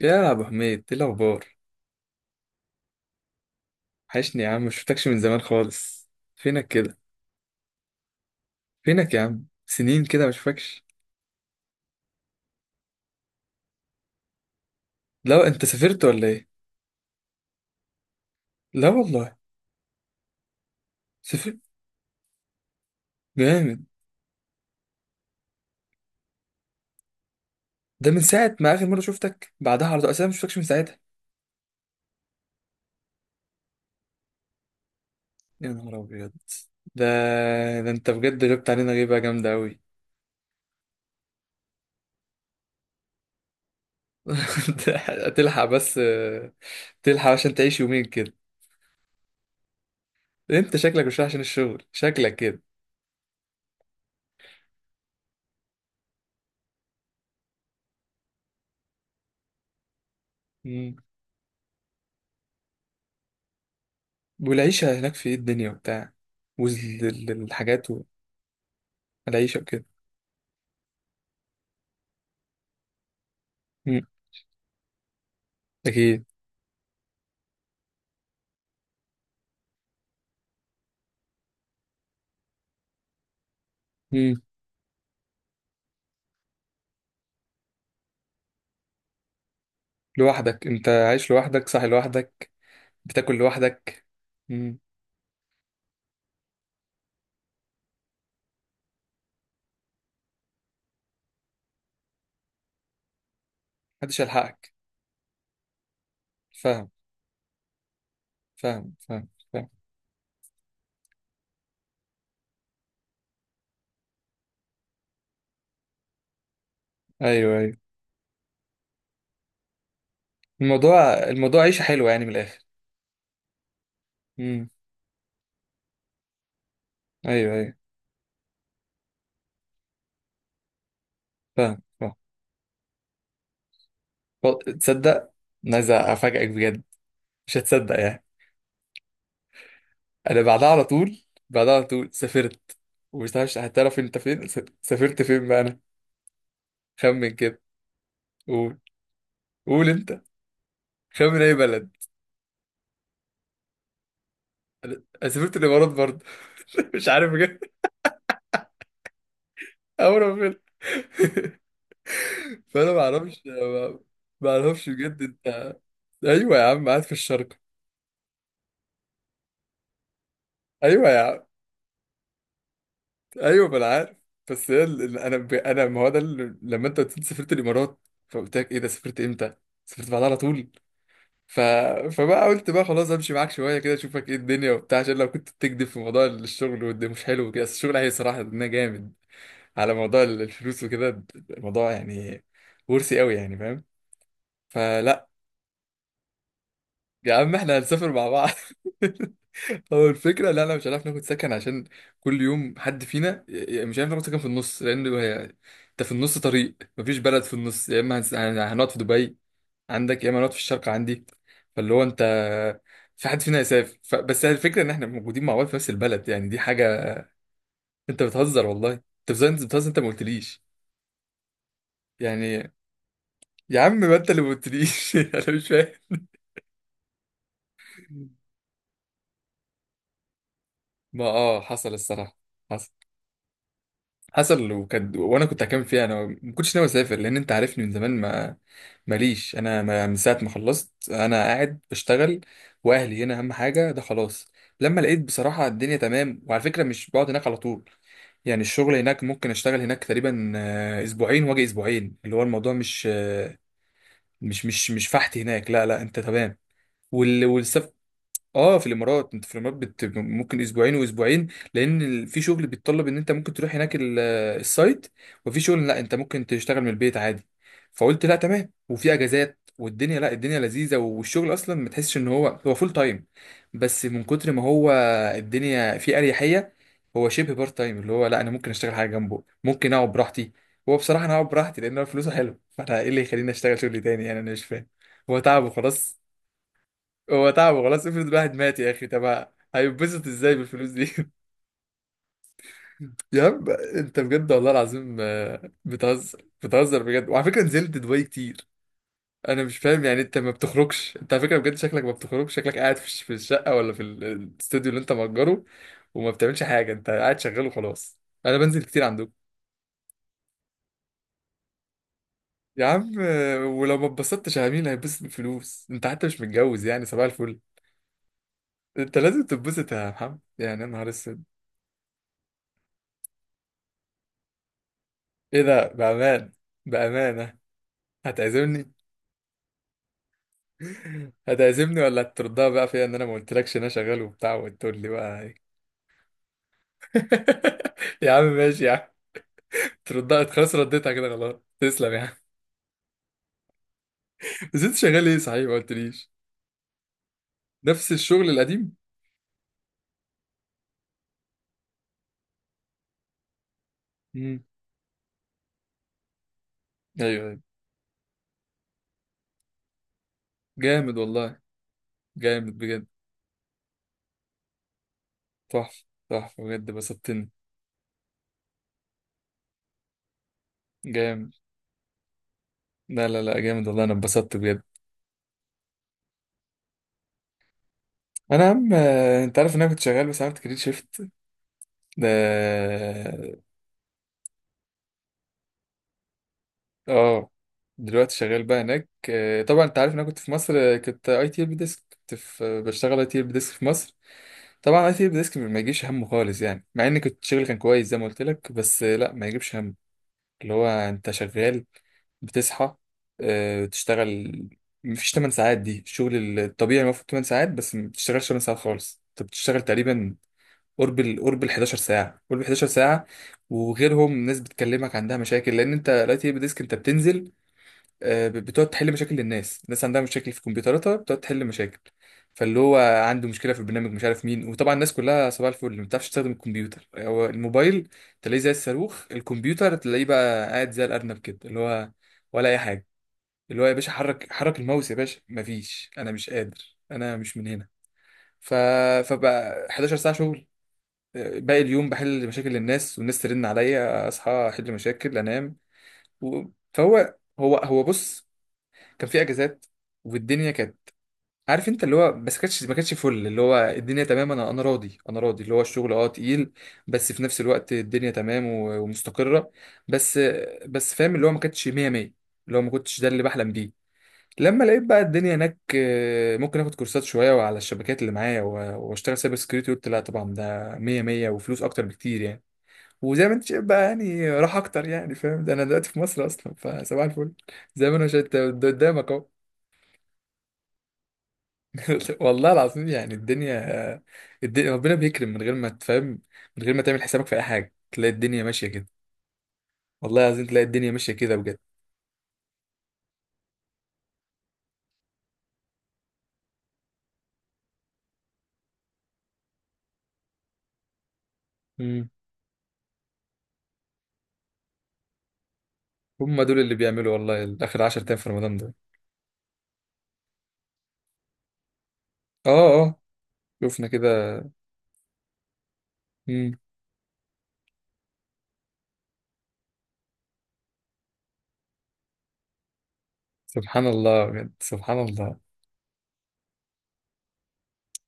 يا ابو حميد ايه الاخبار؟ وحشني يا عم، مش شفتكش من زمان خالص. فينك كده؟ فينك يا عم؟ سنين كده مش فاكش. لا انت سافرت ولا ايه؟ لا والله سافرت. جامد. ده من ساعه ما اخر مره شفتك بعدها على طول اصلا مش شفتكش من ساعتها. يا نهار ابيض. ده ده انت بجد جبت علينا غيبه جامده قوي. تلحق بس، تلحق عشان تعيش يومين كده. انت شكلك مش رايح عشان الشغل، شكلك كده. مم. والعيشه هناك في ايه؟ الدنيا وبتاع والحاجات، العيشة وكده. مم. أكيد. مم. لوحدك، أنت عايش لوحدك، صاحي لوحدك، بتاكل لوحدك. مم. محدش يلحقك. فاهم، فاهم، فاهم، فاهم. أيوه أيوه. الموضوع، الموضوع عيشة حلوة يعني من الآخر. مم. أيوه أيوه. فاهم فاهم. تصدق، أنا عايز أفاجئك بجد، مش هتصدق يعني. أنا بعدها على طول، بعدها على طول سافرت. ومش عارف هتعرف أنت فين سافرت فين بقى أنا. خمن كده. قول، قول أنت. خمن أي بلد. أنا سافرت الإمارات برضه. مش عارف بجد. اول ما فيلم. فانا ما اعرفش، ما ما اعرفش بجد انت. ايوه يا عم، قاعد في الشرق. ايوه يا عم. ايوه ما انا عارف. بس هي انا انا، ما هو ده لما انت قلت لي سافرت الامارات، فقلت لك ايه ده؟ سافرت امتى؟ سافرت بعدها على طول. ف... فبقى قلت بقى خلاص امشي معاك شويه كده اشوفك ايه الدنيا وبتاع، عشان لو كنت بتكذب في موضوع الشغل وده مش حلو وكده، بس الشغل هي صراحه ده جامد. على موضوع الفلوس وكده. الموضوع يعني ورثي قوي يعني، فاهم؟ فلا، يا عم احنا هنسافر مع بعض. هو الفكرة، لا لا، مش هنعرف ناخد سكن عشان كل يوم حد فينا مش هنعرف ناخد سكن في النص، لأن هي، أنت في النص طريق مفيش بلد في النص، يا إما هنقعد في دبي عندك، يا إما هنقعد في الشارقة عندي. فاللي هو أنت، في حد فينا هيسافر بس هي الفكرة إن إحنا موجودين مع بعض في نفس البلد، يعني دي حاجة. أنت بتهزر والله، أنت بتهزر، أنت بتهزر، أنت ما قلتليش. يعني يا عم، ما أنت اللي ما قلتليش. أنا مش فاهم. ما آه حصل الصراحة. حصل. حصل وكان، وانا كنت هكمل فيها، انا ما كنتش ناوي اسافر، لان انت عارفني من زمان، ما ماليش انا، ما من ساعه ما خلصت انا قاعد بشتغل. واهلي هنا اهم حاجه، ده خلاص. لما لقيت بصراحه الدنيا تمام، وعلى فكره مش بقعد هناك على طول، يعني الشغل هناك ممكن اشتغل هناك تقريبا اسبوعين واجي اسبوعين، اللي هو الموضوع مش فحت هناك، لا لا انت تمام. والسفر، اه في الامارات، انت في الامارات ممكن اسبوعين واسبوعين، لان في شغل بيتطلب ان انت ممكن تروح هناك السايت، وفي شغل لا انت ممكن تشتغل من البيت عادي. فقلت لا تمام، وفي اجازات والدنيا، لا الدنيا لذيذه، والشغل اصلا ما تحسش ان هو فول تايم، بس من كتر ما هو الدنيا فيه اريحيه، هو شبه بارت تايم، اللي هو لا انا ممكن اشتغل حاجه جنبه، ممكن اقعد براحتي. هو بصراحه انا اقعد براحتي لان هو فلوسه حلو. فانا ايه اللي يخليني اشتغل شغل تاني يعني؟ انا مش فاهم. هو تعب وخلاص، هو تعبه خلاص، افرض الواحد مات يا اخي. طب هيتبسط ازاي بالفلوس دي؟ يا عم انت بجد والله العظيم بتهزر، بتهزر بجد. وعلى فكره نزلت دبي كتير. انا مش فاهم يعني، انت ما بتخرجش، انت على فكره بجد شكلك ما بتخرجش، شكلك قاعد في في الشقه، ولا في الاستوديو اللي انت مأجره، وما بتعملش حاجه، انت قاعد شغال وخلاص. انا بنزل كتير عندكم. يا عم ولو ما اتبسطتش يا مين هيتبسط بالفلوس؟ انت حتى مش متجوز يعني، صباح الفل. انت لازم تتبسط يا محمد يعني، يا نهار اسود. ايه ده بامان؟ بأمانة هتعزمني؟ هتعزمني ولا هتردها بقى فيا ان انا ما قلتلكش ان انا شغال وبتاع، وتقول لي بقى إيه؟ يا عم ماشي يا عم، تردها خلاص، رديتها كده خلاص. تسلم يا عم. بس انت شغال ايه صحيح؟ ما قلتليش. نفس الشغل القديم. امم. ايوه ايوه، جامد والله. جامد بجد، تحفه تحفه بجد، بسطتني. جامد. لا لا لا جامد والله، انا اتبسطت بجد. انا يا عم انت عارف ان انا كنت شغال، بس عملت كارير شيفت. ده، اه. دلوقتي شغال بقى هناك، طبعا انت عارف ان انا كنت في مصر، كنت اي تي ال ديسك، كنت في بشتغل اي تي ال ديسك في مصر. طبعا اي تي ال ديسك ما يجيش همه خالص يعني، مع ان كنت شغل كان كويس زي ما قلت لك، بس لا ما يجيبش هم. اللي هو انت شغال، بتصحى، تشتغل، مفيش 8 ساعات دي الشغل الطبيعي، المفروض 8 ساعات، بس ما بتشتغلش 8 ساعات خالص، انت بتشتغل تقريبا قرب ال 11 ساعة، قرب ال 11 ساعة. وغيرهم ناس بتكلمك عندها مشاكل، لان انت دلوقتي بديسك، انت بتنزل، بتقعد تحل مشاكل للناس، الناس عندها مشاكل في كمبيوتراتها، بتقعد تحل مشاكل. فاللي هو عنده مشكله في البرنامج مش عارف مين، وطبعا الناس كلها صباح الفل ما بتعرفش تستخدم الكمبيوتر، هو الموبايل تلاقيه زي الصاروخ، الكمبيوتر تلاقيه بقى قاعد زي الارنب كده، اللي هو ولا اي حاجه، اللي هو يا باشا حرك حرك الماوس يا باشا، مفيش انا مش قادر انا مش من هنا. ف... فبقى 11 ساعه شغل، باقي اليوم بحل مشاكل الناس، والناس ترن عليا اصحى احل مشاكل انام. و... فهو هو هو بص، كان في اجازات والدنيا كانت، عارف انت اللي هو، بس كانتش ما كانتش فل. اللي هو الدنيا تمام، انا راضي، انا راضي، اللي هو الشغل اه تقيل، بس في نفس الوقت الدنيا تمام ومستقرة. بس، بس فاهم اللي هو ما كانتش 100 100، اللي هو ما كنتش ده اللي بحلم بيه. لما لقيت بقى الدنيا هناك ممكن اخد كورسات شوية على الشبكات اللي معايا واشتغل سايبر سكيورتي، قلت لا طبعا ده 100 100، وفلوس اكتر بكتير يعني. وزي ما انت شايف بقى يعني راح اكتر يعني، فاهم؟ ده انا دلوقتي في مصر اصلا، فصباح الفل زي ما انا شايف ده قدامك. والله العظيم يعني الدنيا، الدنيا ربنا بيكرم من غير ما تفهم، من غير ما تعمل حسابك في اي حاجه تلاقي الدنيا ماشيه كده. والله العظيم تلاقي الدنيا ماشيه كده بجد. امم. هم دول اللي بيعملوا والله، اخر 10 ايام في رمضان ده. اه. اه شفنا كده. امم. سبحان الله بجد، سبحان الله.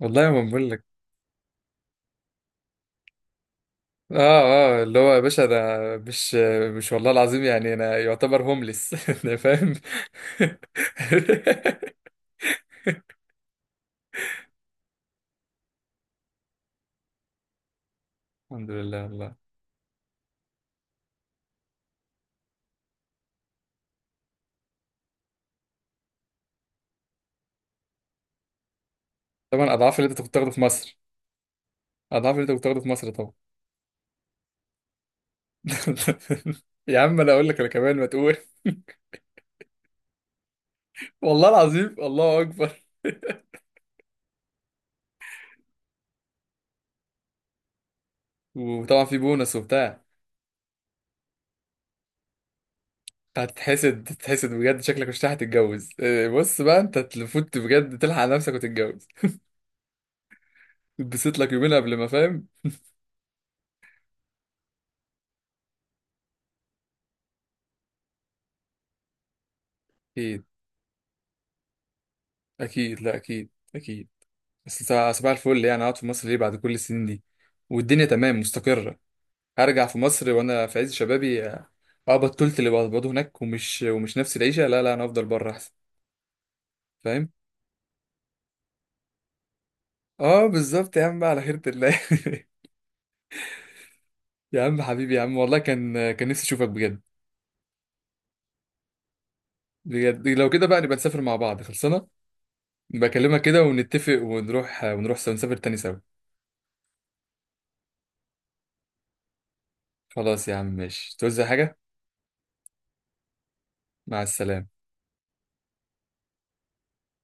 والله ما بقول لك. اه. اه اللي هو يا باشا انا مش، مش والله العظيم يعني انا يعتبر هوملس. انا فاهم. الحمد لله والله. طبعا اضعاف اللي انت كنت بتاخده في مصر، اضعاف اللي انت كنت بتاخده في مصر. يا عم انا اقول لك انا كمان، ما تقول. والله العظيم، الله اكبر. وطبعا في بونص وبتاع. هتتحسد، تتحسد بجد، شكلك مش هتتجوز. إيه، بص بقى انت تفوت بجد تلحق نفسك وتتجوز، اتبسط لك يومين قبل ما، فاهم؟ اكيد اكيد، لا اكيد اكيد. بس صباح، صباح الفل يعني، اقعد في مصر ليه بعد كل السنين دي والدنيا تمام مستقرة؟ هرجع في مصر وانا في عز شبابي؟ اه. بطلت اللي بقبضه هناك ومش نفس العيشة. لا لا انا افضل بره احسن، فاهم. اه بالظبط يا عم، بقى على خيرة الله. يا عم حبيبي يا عم، والله كان، كان نفسي اشوفك بجد. بجد لو كده بقى نبقى نسافر مع بعض خلصنا، نبقى اكلمك كده ونتفق ونروح، ونروح سوا، نسافر تاني سوا. خلاص يا عم ماشي، توزع حاجة. مع السلامة.